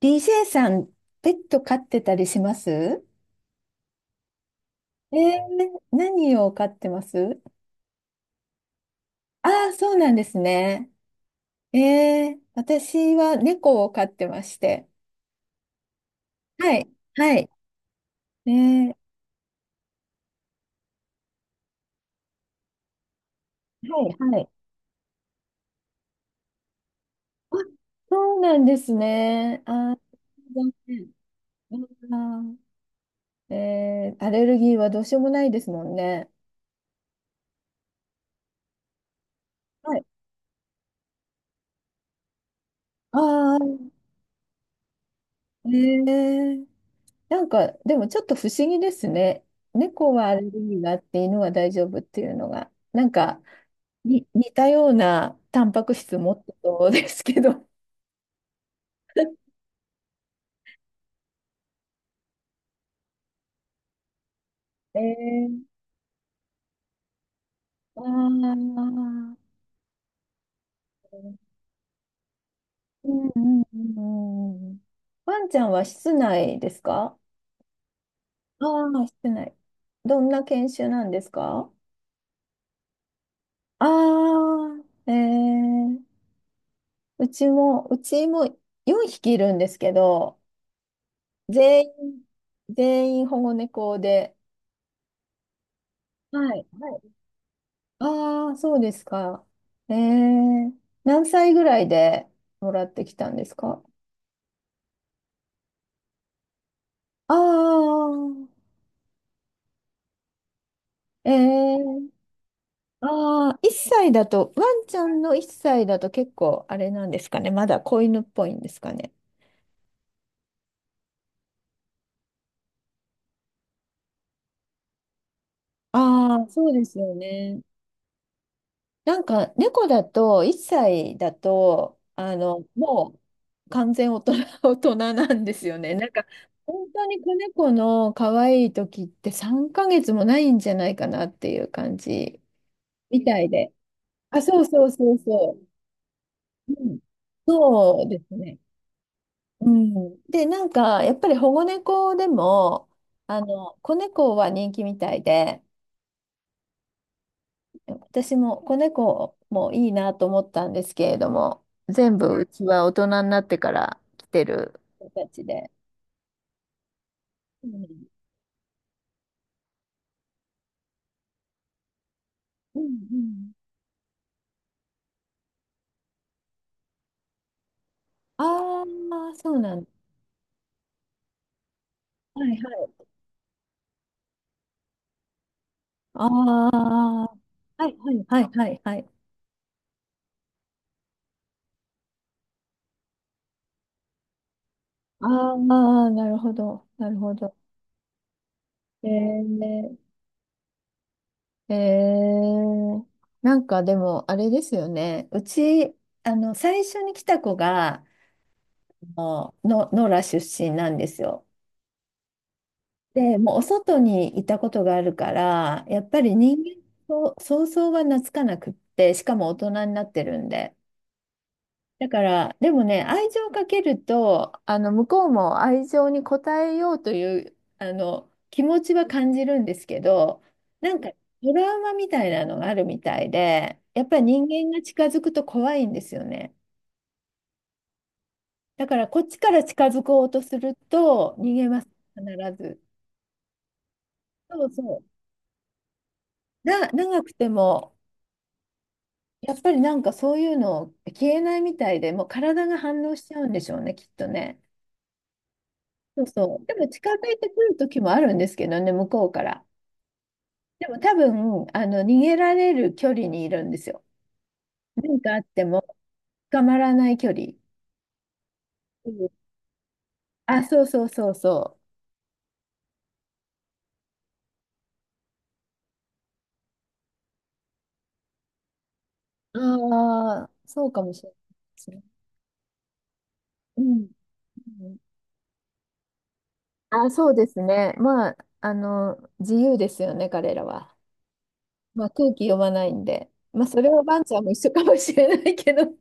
DJ さん、ペット飼ってたりします？何を飼ってます？ああー、そうなんですね。私は猫を飼ってまして。はい、はい。えー、はい、はい。あ、そうなんですね。ああ、残念。うん。あアレルギーはどうしようもないですもんね。はい。ああ、えー、なんか、でもちょっと不思議ですね。猫はアレルギーがあって犬は大丈夫っていうのが、なんかに似たようなタンパク質持ってそうですけど。えー、あー、うんうんうんうん。ワンちゃんは室内ですか？ああー、室内。どんな犬種なんですか？ああー、うちも4匹いるんですけど、全員、全員保護猫で。はい。はい。ああ、そうですか。ええ、何歳ぐらいでもらってきたんですか？ああ、ええ。ああ、1歳だと、ワンちゃんの1歳だと結構あれなんですかね。まだ子犬っぽいんですかね。ああ、そうですよね。なんか猫だと1歳だともう完全大人、大人なんですよね。なんか本当に子猫の可愛い時って3ヶ月もないんじゃないかなっていう感じみたいで。あ、そうそうそうそう。うん、そうですね。うん、で、なんかやっぱり保護猫でもあの子猫は人気みたいで。私も子猫もいいなと思ったんですけれども、全部うちは大人になってから来てる子たちで。うんうんうん。ああ、そうなんだ。はいはい。ああ、はいはいはいはいはい。ああ、なるほど、なるほど。えー、えー、なんかでもあれですよね。うち、あの、最初に来た子が、あの、野良出身なんですよ。で、もうお外にいたことがあるから、やっぱり人間と想像が懐かなくって、しかも大人になってるんで。だから、でもね、愛情をかけると、あの、向こうも愛情に応えようという、あの、気持ちは感じるんですけど、なんか、トラウマみたいなのがあるみたいで、やっぱり人間が近づくと怖いんですよね。だから、こっちから近づこうとすると、逃げます、必ず。そうそう。長くても、やっぱりなんかそういうの消えないみたいで、もう体が反応しちゃうんでしょうね、きっとね。そうそう。でも近づいてくる時もあるんですけどね、向こうから。でも多分、あの、逃げられる距離にいるんですよ。何かあっても捕まらない距離。うん。あ、そうそうそうそう。ああ、そうかもしれないですね。う。うん。うん。あ、そうですね。まあ、あの、自由ですよね、彼らは。まあ、空気読まないんで。まあ、それはバンちゃんも一緒かもしれないけど。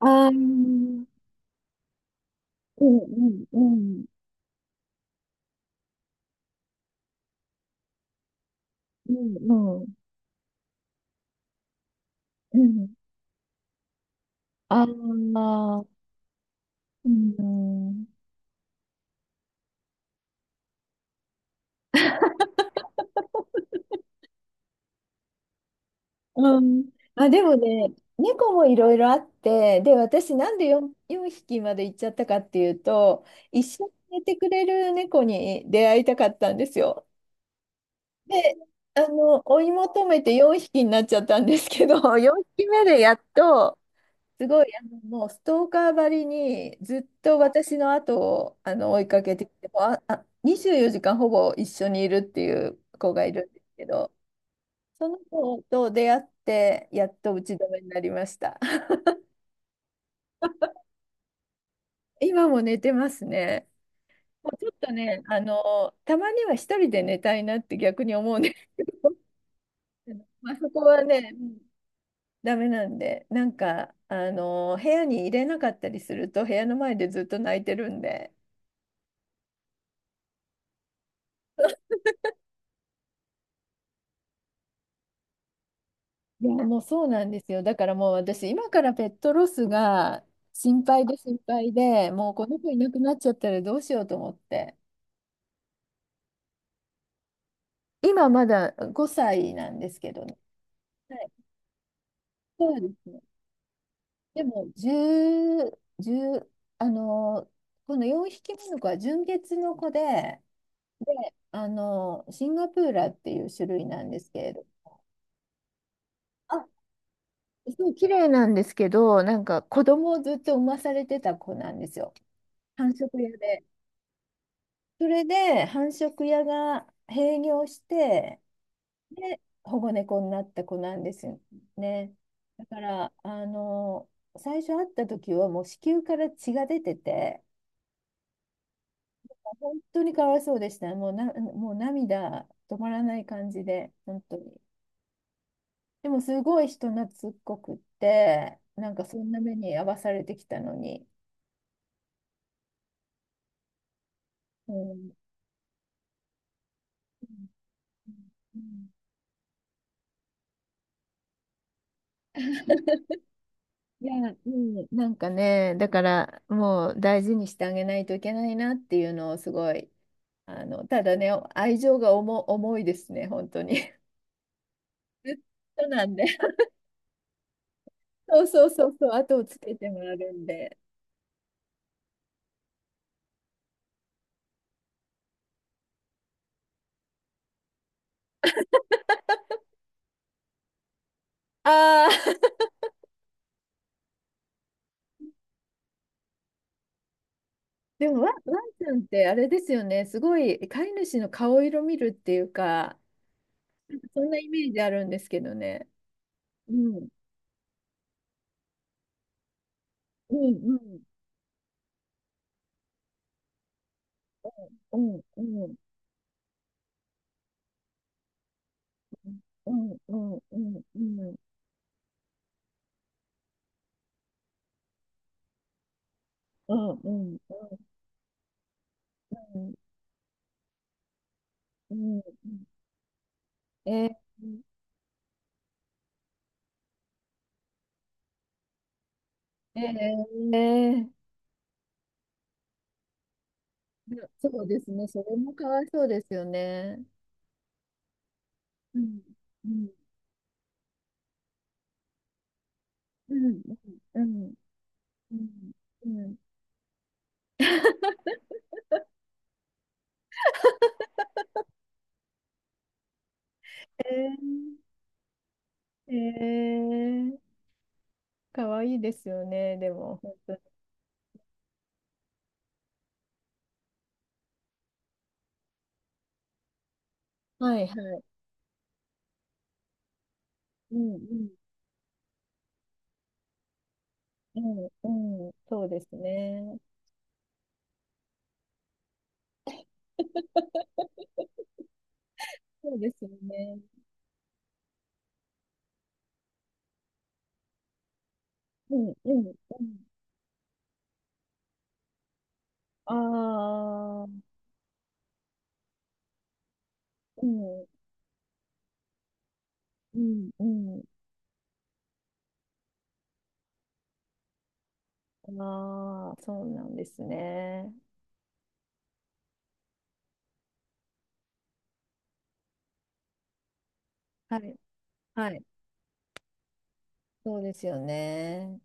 ああ、うんうんうん、うん、うん、うん。ああ、うん、うん。あ、でもね、猫もいろいろあって、で、私なんで 4匹まで行っちゃったかっていうと、一緒に寝てくれる猫に出会いたかったんですよ。で、あの、追い求めて4匹になっちゃったんですけど、4匹目でやっと、すごい、あの、もうストーカーばりにずっと私の後をあの追いかけてきて、もう24時間ほぼ一緒にいるっていう子がいるんですけど、その子と出会ってやっと打ち止めになりました。今も寝てますね。もうちょっとね、あの、たまには一人で寝たいなって逆に思うんですけど、まあ、そこはね、うん、ダメなんで、なんか、あの、部屋に入れなかったりすると、部屋の前でずっと泣いてるんで。いや、もうそうなんですよ。だからもう私、今からペットロスが心配で心配で、もうこの子いなくなっちゃったらどうしようと思って。今まだ5歳なんですけどね。はい、そうですね。でも、10、じゅうあの、この4匹目の子は純血の子で、で、あの、シンガプーラっていう種類なんですけれど。あ、すごい綺麗なんですけど、なんか子供をずっと産まされてた子なんですよ。繁殖屋で。それで繁殖屋が閉業して、で、保護猫になった子なんですよね。だから、あの、最初会った時はもう子宮から血が出てて、本当にかわいそうでした。もう涙止まらない感じで、本当に。でもすごい人懐っこくって、なんかそんな目に遭わされてきたのに。うんうんうん。いや、うん、なんかね、だからもう大事にしてあげないといけないなっていうのをすごい、あの、ただね、愛情が重いですね、本当に。そうなんで、そうそうそうそう、後をつけてもらえるんで。ああ、でもワンちゃんってあれですよね、すごい飼い主の顔色見るっていうか、そんなイメージあるんですけどね。うん、うん、うん、うん、うん、うん、うん、うん、うん、うん、うん、うん、うん、うん。えええええー、そうですね。それもかわいそうですよね。うん、うん、うん、うん、うん、うん。えええー、かわいいですよね。でも、本当に。はい、はい。うん、うん、うん、うん。そうですね。そうですよね。うん、うん、うん。ああ、うん、うん、うん。ああ、そうなんですね。はい。はい、そうですよね。